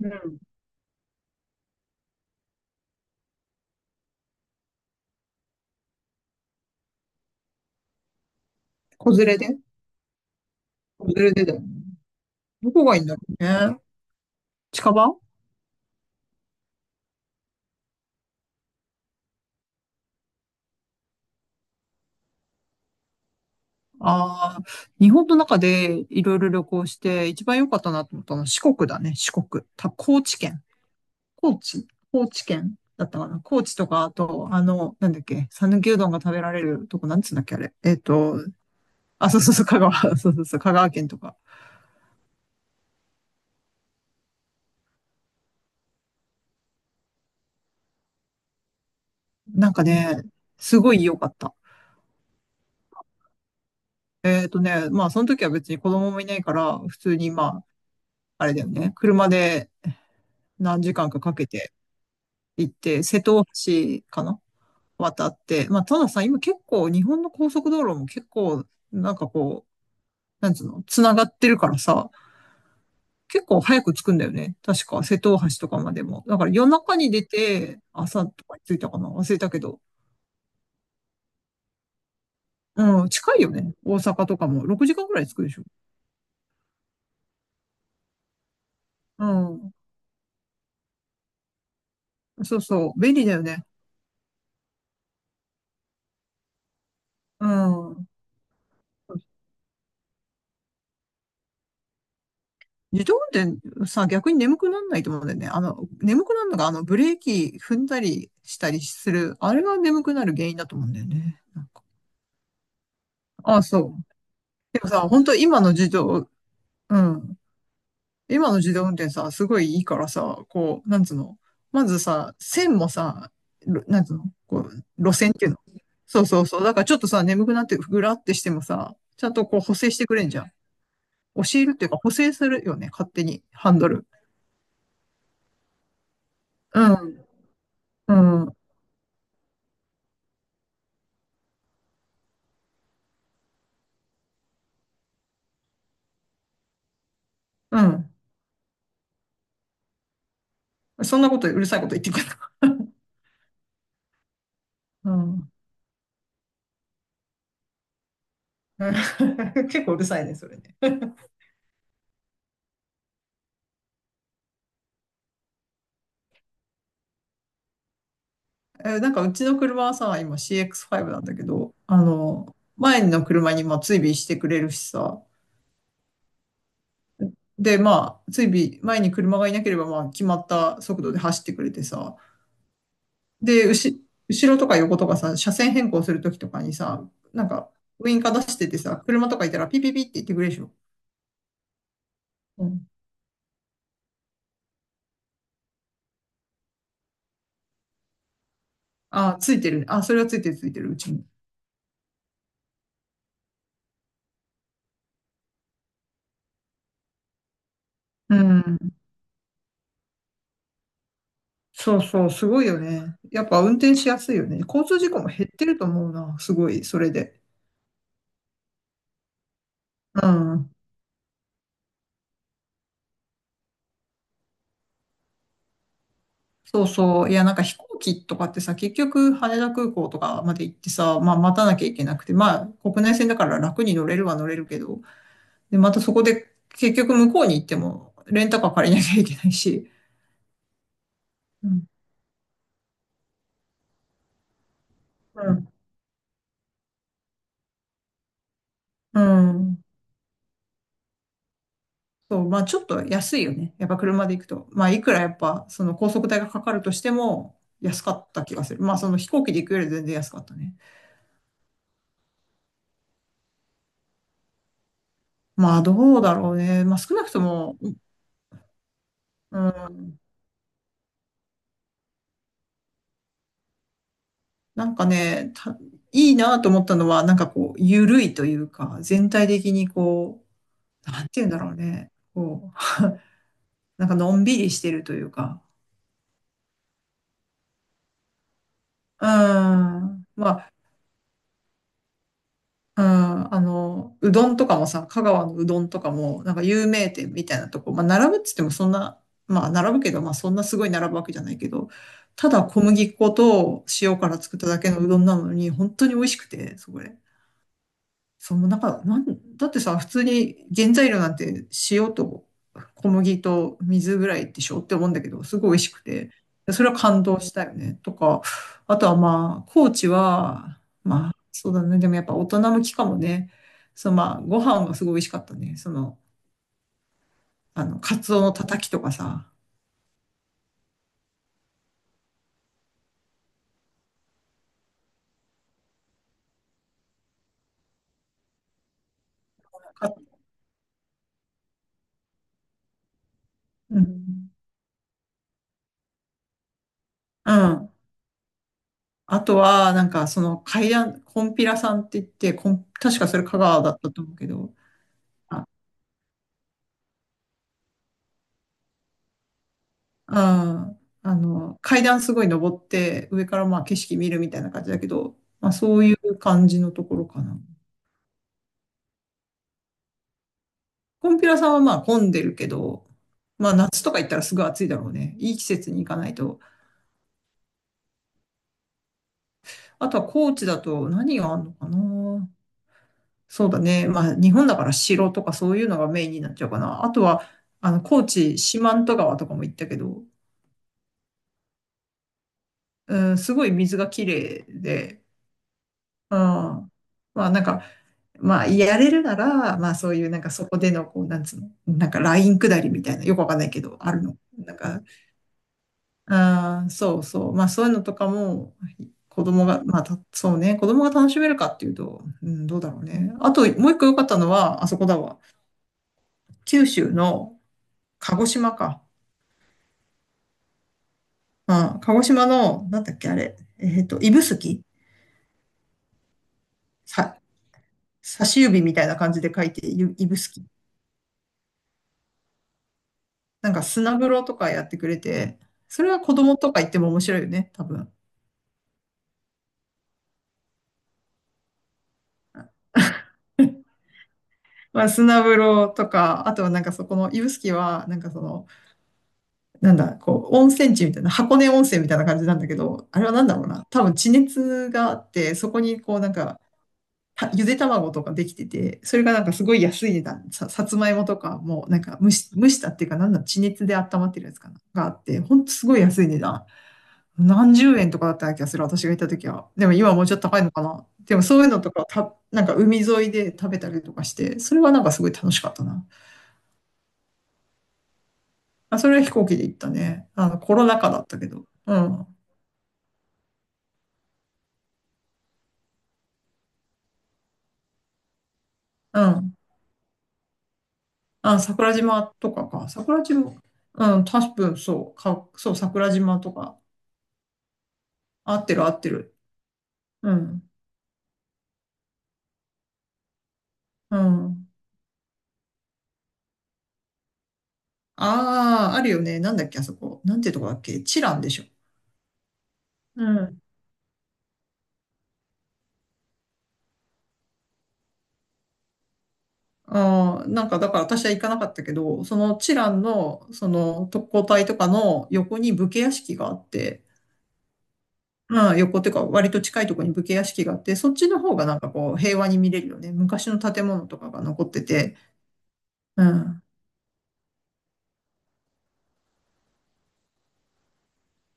うん。子連れで子連れでだよね。どこがいいんだろうね。近場。ああー、日本の中でいろいろ旅行して一番良かったなと思ったのは四国だね、四国。高知県。高知高知県だったかな、高知とか、あと、なんだっけ、讃岐うどんが食べられるとこ、なんつうんだっけ、あれ。あ、そうそうそう、香川、そうそうそう、香川県とか。なんかね、すごい良かった。まあ、その時は別に子供もいないから、普通にまあ、あれだよね、車で何時間かかけて、行って、瀬戸大橋かな、渡って。まあ、たださ、今結構日本の高速道路も結構、なんかこう、なんつうの、繋がってるからさ、結構早く着くんだよね。確か、瀬戸大橋とかまでも。だから夜中に出て、朝とかに着いたかな、忘れたけど。うん、近いよね。大阪とかも。6時間くらい着くでしょ。うん。そうそう。便利だよね。うん。自動運転さ、逆に眠くなんないと思うんだよね。眠くなるのが、ブレーキ踏んだりしたりする、あれが眠くなる原因だと思うんだよね。ああ、そう。でもさ、本当今の自動、うん。今の自動運転さ、すごいいいからさ、こう、なんつうの。まずさ、線もさ、なんつうの、こう、路線っていうの。そうそうそう。だからちょっとさ、眠くなって、ぐらってしてもさ、ちゃんとこう補正してくれんじゃん。教えるっていうか、補正するよね、勝手に、ハンドル。うん、うん、うん。そんなことうるさいこと言ってくるうん 結構うるさいね、それね。なんかうちの車はさ、今 CX5 なんだけど、前の車にまあ追尾してくれるしさ、で、まあ、追尾、前に車がいなければまあ決まった速度で走ってくれてさ、で、後ろとか横とかさ、車線変更するときとかにさ、なんか、ウインカー出しててさ、車とかいたらピピピって言ってくれるでしょ。うん。あ、ついてるね。あ、それはついてるついてる、うちに。うん。そうそう、すごいよね。やっぱ運転しやすいよね。交通事故も減ってると思うな。すごい、それで。うん。そうそう。いや、なんか飛行機とかってさ、結局羽田空港とかまで行ってさ、まあ待たなきゃいけなくて、まあ国内線だから楽に乗れるは乗れるけど、で、またそこで結局向こうに行ってもレンタカー借りなきゃいけないし。うん。うん。うん、そう、まあちょっと安いよね。やっぱ車で行くと。まあいくらやっぱその高速代がかかるとしても安かった気がする。まあその飛行機で行くより全然安かったね。まあどうだろうね。まあ少なくとも、うん、なんかね、いいなと思ったのはなんかこう、緩いというか、全体的にこう、なんて言うんだろうね。こう、なんかのんびりしてるというか。うん。うん、うどんとかもさ、香川のうどんとかも、なんか有名店みたいなとこ、まあ、並ぶっつってもそんな、まあ、並ぶけど、まあ、そんなすごい並ぶわけじゃないけど、ただ小麦粉と塩から作っただけのうどんなのに、本当に美味しくて、そこで。そう、なんか、だってさ、普通に原材料なんて塩と小麦と水ぐらいでしょって思うんだけど、すごい美味しくて、それは感動したよね。とか、あとはまあ、高知は、まあ、そうだね。でもやっぱ大人向きかもね。そう、まあ、ご飯がすごい美味しかったね。その、カツオのたたきとかさ。かうん。うん。あとは、なんか、その、海南、コンピラさんって言って、確かそれ香川だったと思うけど、ああ、階段すごい登って、上からまあ景色見るみたいな感じだけど、まあそういう感じのところかな。コンピラさんはまあ混んでるけど、まあ夏とか行ったらすぐ暑いだろうね。いい季節に行かないと。あとは高知だと何があるのかな。そうだね。まあ日本だから城とかそういうのがメインになっちゃうかな。あとは、高知、四万十川とかも行ったけど、うん、すごい水が綺麗で、うん。まあなんか、まあ、やれるなら、まあ、そういう、なんか、そこでの、こう、なんつうの、なんか、ライン下りみたいな、よくわかんないけど、あるの。なんか、あーそうそう。まあ、そういうのとかも、子供が、まあ、そうね、子供が楽しめるかっていうと、うん、どうだろうね。あと、もう一個良かったのは、あそこだわ。九州の鹿児島か。うん、鹿児島の、なんだっけ、あれ。指宿、さ、差し指みたいな感じで書いて、指宿。なんか、砂風呂とかやってくれて、それは子供とか行っても面白いよね、多分。まあ、砂風呂とか、あとはなんかそこの指宿は、なんかその、なんだ、こう、温泉地みたいな、箱根温泉みたいな感じなんだけど、あれはなんだろうな、多分地熱があって、そこにこうなんか、ゆで卵とかできてて、それがなんかすごい安い値段、さつまいもとかもうなんか蒸したっていうか、なんだ、地熱で温まってるやつかな、があって、ほんとすごい安い値段。何十円とかだった気がする、私が行った時は。でも今はもうちょっと高いのかな。でもそういうのとか、なんか海沿いで食べたりとかして、それはなんかすごい楽しかったな。あ、それは飛行機で行ったね。コロナ禍だったけど。うん。うん。あ、桜島とかか。桜島。うん、多分そう。そう、桜島とか。合ってる合ってる。うん。うん。ああ、あるよね。なんだっけ、あそこ。なんていうとこだっけ。チランでしょ。うん。ああ、なんかだから私は行かなかったけど、そのチランの、その特攻隊とかの横に武家屋敷があって、まあ、横っていうか、割と近いところに武家屋敷があって、そっちの方がなんかこう、平和に見れるよね。昔の建物とかが残ってて。うん。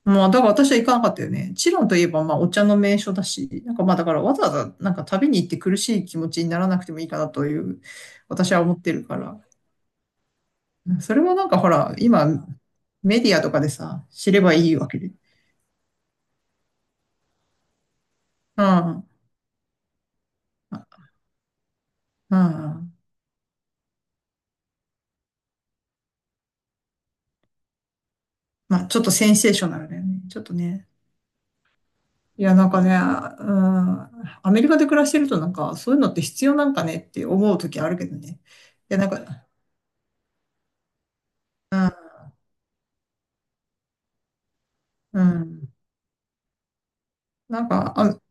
まあ、だから私は行かなかったよね。チロンといえば、まあ、お茶の名所だし、なんかまあ、だからわざわざ、なんか旅に行って苦しい気持ちにならなくてもいいかなという、私は思ってるから。うん、それはなんかほら、今、メディアとかでさ、知ればいいわけで。うん。うん。まあ、ちょっとセンセーショナルだよね。ちょっとね。いや、なんかね、うん、アメリカで暮らしてるとなんか、そういうのって必要なんかねって思う時あるけどね。いや、なんか、うん、なんか、あ、うん、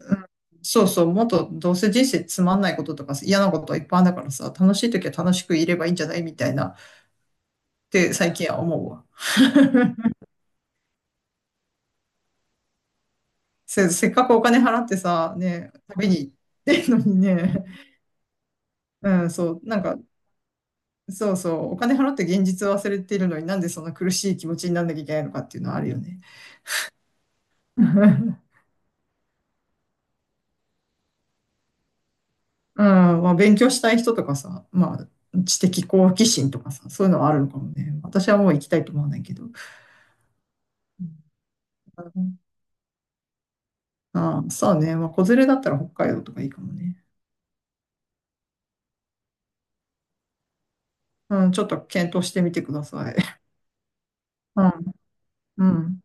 そうそう、もっとどうせ人生つまんないこととか嫌なことはいっぱいあるんだからさ、楽しい時は楽しくいればいいんじゃないみたいなって最近は思うわ。せっかくお金払ってさ、ね、旅に行ってんのにね、うん、そう、なんか、そうそう、お金払って現実を忘れてるのになんでそんな苦しい気持ちになんなきゃいけないのかっていうのはあるよね。うん、まあ、勉強したい人とかさ、まあ、知的好奇心とかさ、そういうのはあるのかもね。私はもう行きたいと思わないけど。うん、ああ、そうね。まあ、子連れだったら北海道とかいいかもね。うん、ちょっと検討してみてください。うん、うん。